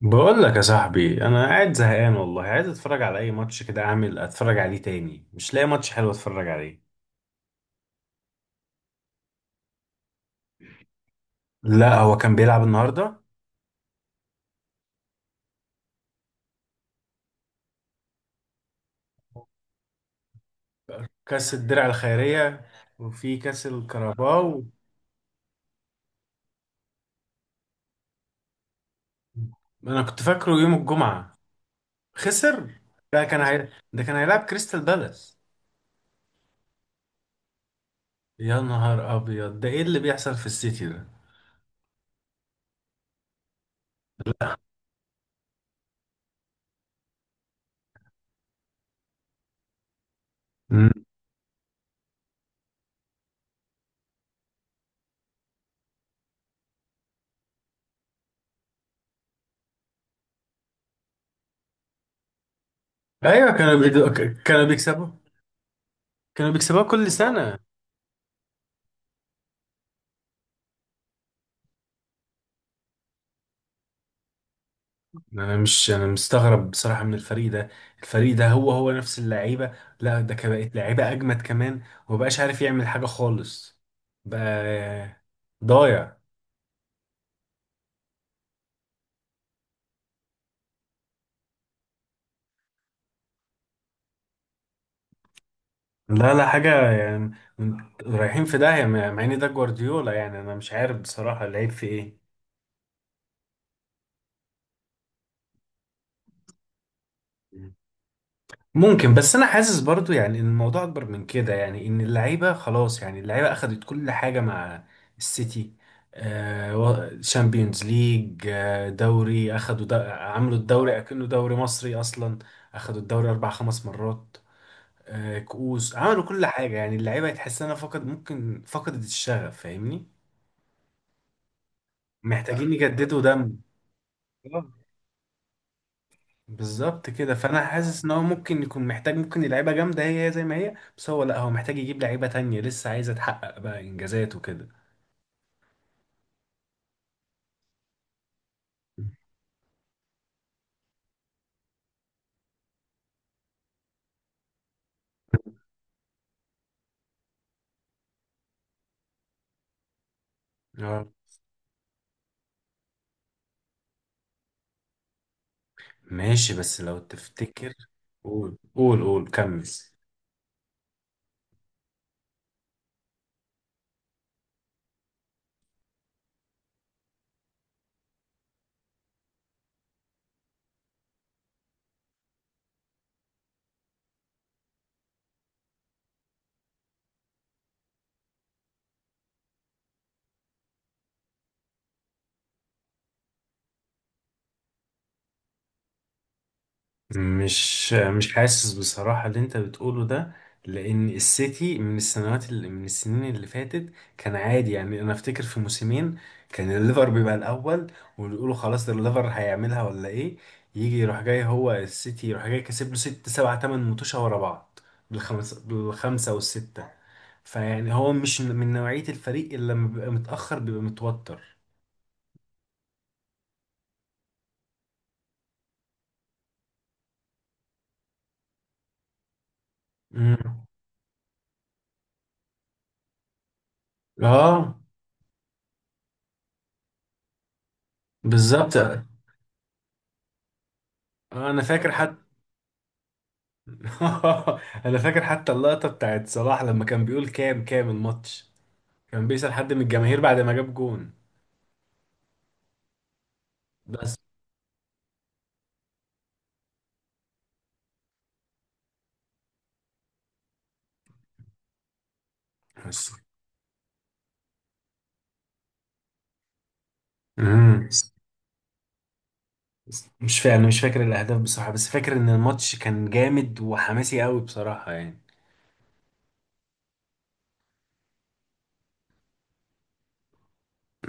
بقول لك يا صاحبي، انا قاعد زهقان والله، عايز اتفرج على اي ماتش كده، اعمل اتفرج عليه تاني. مش لاقي ماتش حلو اتفرج عليه. لا، هو كان بيلعب النهارده كاس الدرع الخيريه، وفي كاس الكاراباو. انا كنت فاكره يوم الجمعه. خسر. ده كان هيلعب كريستال بالاس. يا نهار ابيض، ده ايه اللي بيحصل في السيتي ده؟ مم. ايوه، كانوا بيكسبوا، كانوا بيكسبوها كل سنه. انا مش انا مستغرب بصراحه من الفريق ده. الفريق ده هو هو نفس اللعيبه، لا ده كان بقت لعيبه اجمد كمان، ومبقاش عارف يعمل حاجه خالص. بقى ضايع. لا لا حاجه يعني. رايحين في داهيه، مع ان ده جوارديولا. يعني انا مش عارف بصراحه، لعيب في ايه؟ ممكن. بس انا حاسس برضو يعني ان الموضوع اكبر من كده، يعني ان اللعيبه خلاص، يعني اللعيبه اخدت كل حاجه مع السيتي. شامبيونز ليج، دوري، عملوا الدوري اكنه دوري مصري اصلا. اخدوا الدوري اربع خمس مرات. آه، كؤوس، عملوا كل حاجه. يعني اللعيبه تحس انها فقد، ممكن فقدت الشغف، فاهمني. محتاجين يجددوا دم، بالظبط كده. فانا حاسس ان هو ممكن يكون محتاج، ممكن اللعيبه جامده هي هي زي ما هي، بس هو لا، هو محتاج يجيب لعيبه تانية لسه عايزه تحقق بقى انجازات وكده. اه، ماشي بس لو تفتكر، قول قول قول كمل. مش حاسس بصراحة اللي انت بتقوله ده، لان السيتي من السنين اللي فاتت كان عادي. يعني انا افتكر في موسمين كان الليفر بيبقى الاول، ونقوله خلاص ده الليفر هيعملها ولا ايه، يجي يروح جاي، هو السيتي يروح جاي، كسب له ست سبعة تمن متوشة ورا بعض، بالخمسة، بالخمسة والستة. فيعني هو مش من نوعية الفريق اللي لما بيبقى متأخر بيبقى متوتر. مم. اه، بالظبط. انا فاكر. انا فاكر حتى اللقطة بتاعت صلاح لما كان بيقول كام الماتش، كان بيسأل حد من الجماهير بعد ما جاب جون. بس. بس. مم. مش فاكر، انا مش فاكر الاهداف بصراحة، بس فاكر ان الماتش كان جامد وحماسي قوي بصراحة يعني.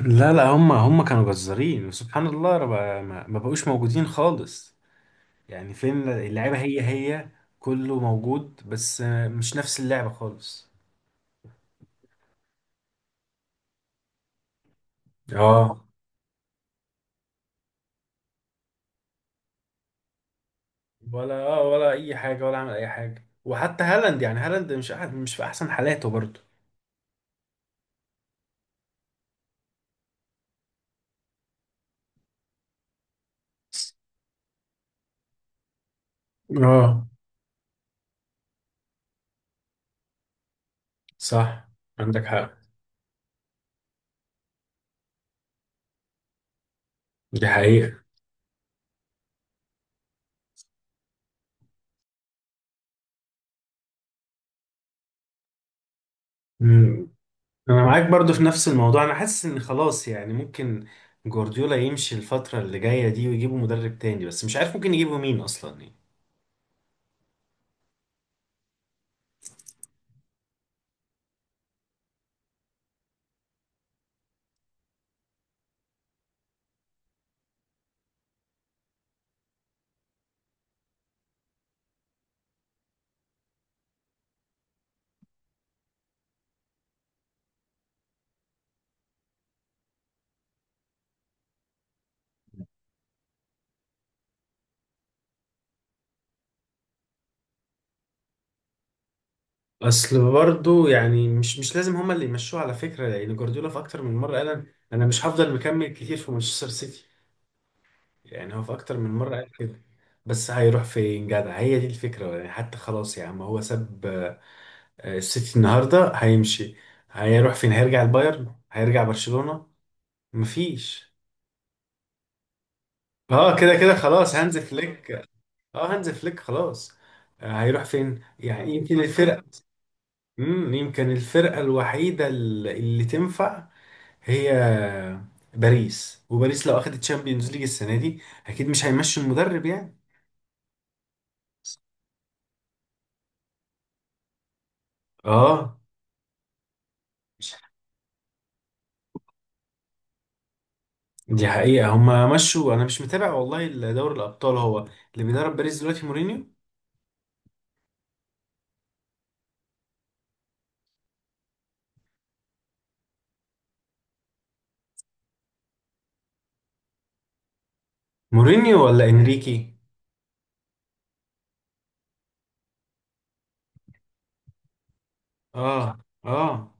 لا لا، هم كانوا جزارين، وسبحان الله، رب-، ما بقوش موجودين خالص. يعني فين اللعيبة؟ هي هي كله موجود، بس مش نفس اللعبة خالص. اه، ولا اه، ولا اي حاجه، ولا عمل اي حاجه. وحتى هالاند، يعني هالاند مش، مش في احسن حالاته برضه. اه. صح. عندك حق. دي حقيقة. مم. أنا معاك برضو في نفس الموضوع، أنا حاسس إن خلاص يعني ممكن جوارديولا يمشي الفترة اللي جاية دي، ويجيبوا مدرب تاني. بس مش عارف ممكن يجيبوا مين أصلا يعني. أصل برضو يعني، مش لازم هما اللي يمشوه على فكرة، لأن جوارديولا في أكتر من مرة قال، أنا مش هفضل مكمل كتير في مانشستر سيتي. يعني هو في اكتر من مره قال كده. بس هيروح فين جدع؟ هي دي الفكره يعني. حتى خلاص يا عم هو ساب، آه، السيتي النهارده هيمشي. هيروح فين؟ هيرجع البايرن؟ هيرجع برشلونه؟ مفيش. اه كده كده خلاص، هانز فليك. اه، هانز فليك، خلاص. آه، هيروح فين يعني؟ يمكن الفرقه، امم، يمكن الفرقه الوحيده اللي تنفع هي باريس. وباريس لو اخدت تشامبيونز ليج السنه دي، اكيد مش هيمشي المدرب يعني. اه. دي حقيقة. هما مشوا؟ أنا مش متابع والله دوري الأبطال. هو اللي بيدرب باريس دلوقتي مورينيو؟ مورينيو ولا إنريكي؟ آه. آه.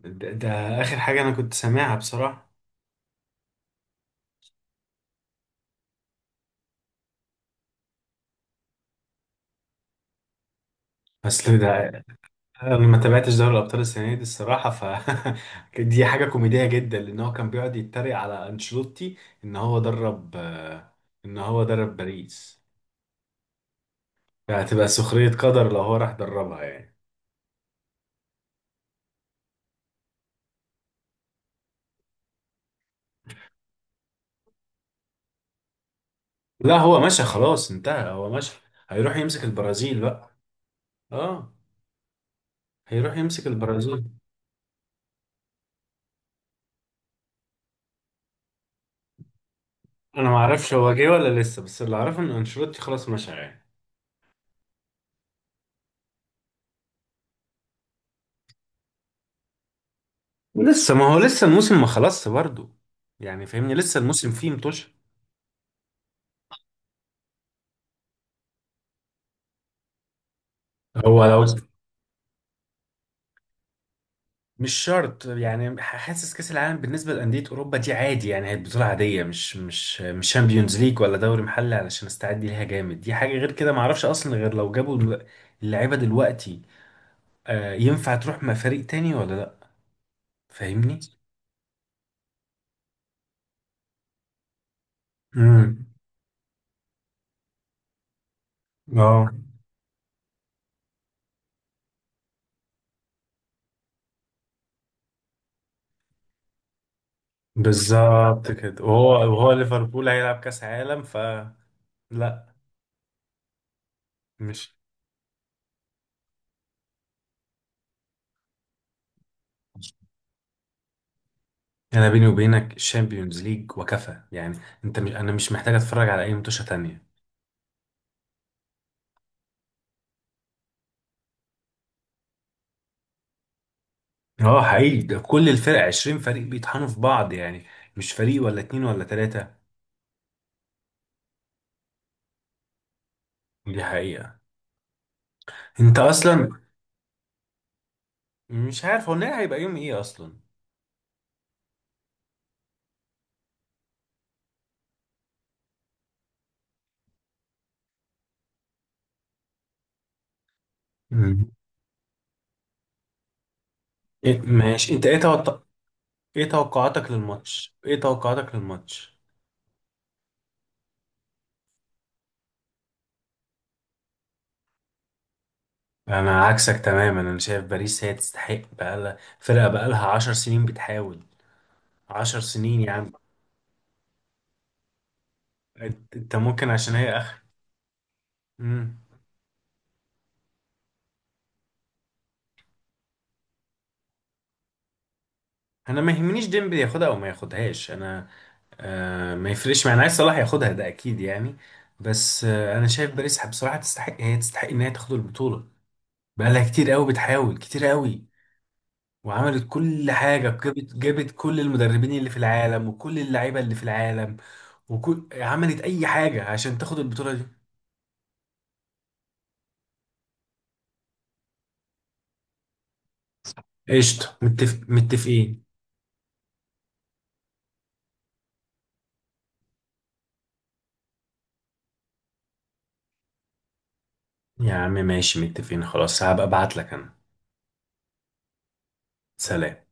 ده آخر حاجة أنا كنت سامعها بصراحة. أصل ده، أنا ما تابعتش دوري الأبطال السنة دي الصراحة، ف دي حاجة كوميدية جدا، لأن هو كان بيقعد يتريق على أنشيلوتي إن هو درب، آه، إن هو درب باريس. فهتبقى سخرية قدر لو هو راح دربها يعني. لا هو مشى خلاص، انتهى، هو مشى. هيروح يمسك البرازيل بقى. آه. هيروح يمسك البرازيل. انا ما اعرفش هو جه ولا لسه، بس اللي اعرفه ان انشيلوتي خلاص مشى يعني. لسه ما هو لسه الموسم ما خلصش برضه، يعني فاهمني، لسه الموسم فيه متوش. هو لو، مش شرط يعني. حاسس كاس العالم بالنسبه لانديه اوروبا دي عادي، يعني هي بطوله عاديه، مش شامبيونز ليج ولا دوري محلي علشان استعد ليها جامد. دي حاجه، غير كده ما اعرفش اصلا، غير لو جابوا، اللعيبه دلوقتي، آه، ينفع تروح مع فريق تاني ولا لا، فاهمني. امم. اه. بالظبط كده، وهو ليفربول هيلعب كاس عالم، ف لا. مش. انا بيني وبينك الشامبيونز ليج وكفى يعني. انت مش انا مش محتاج اتفرج على اي متوشه تانية. اه حقيقي، ده كل الفرق، 20 فريق بيطحنوا في بعض يعني، مش فريق ولا اتنين ولا تلاتة. دي حقيقة. انت اصلا، مش عارف هو النهائي هيبقى يوم ايه اصلا. مم. إيه ماشي، ايه توقعاتك للماتش؟ انا عكسك تماما، انا شايف باريس هي تستحق، بقالها فرقه بقالها 10 سنين بتحاول، 10 سنين يا عم. أنت ممكن عشان هي اخر. مم. انا ما يهمنيش ديمبلي ياخدها او ما ياخدهاش. انا آه، ما يفرقش معايا، انا عايز صلاح ياخدها، ده اكيد يعني. بس آه، انا شايف باريس بصراحه تستحق، هي تستحق ان هي تاخد البطوله، بقالها كتير قوي بتحاول كتير قوي، وعملت كل حاجه، جابت كل المدربين اللي في العالم، وكل اللعيبه اللي في العالم، وكل، عملت اي حاجه عشان تاخد البطوله دي. قشطة، متفقين. يا عم ماشي، متفقين خلاص. هبقى ابعت لك انا. سلام.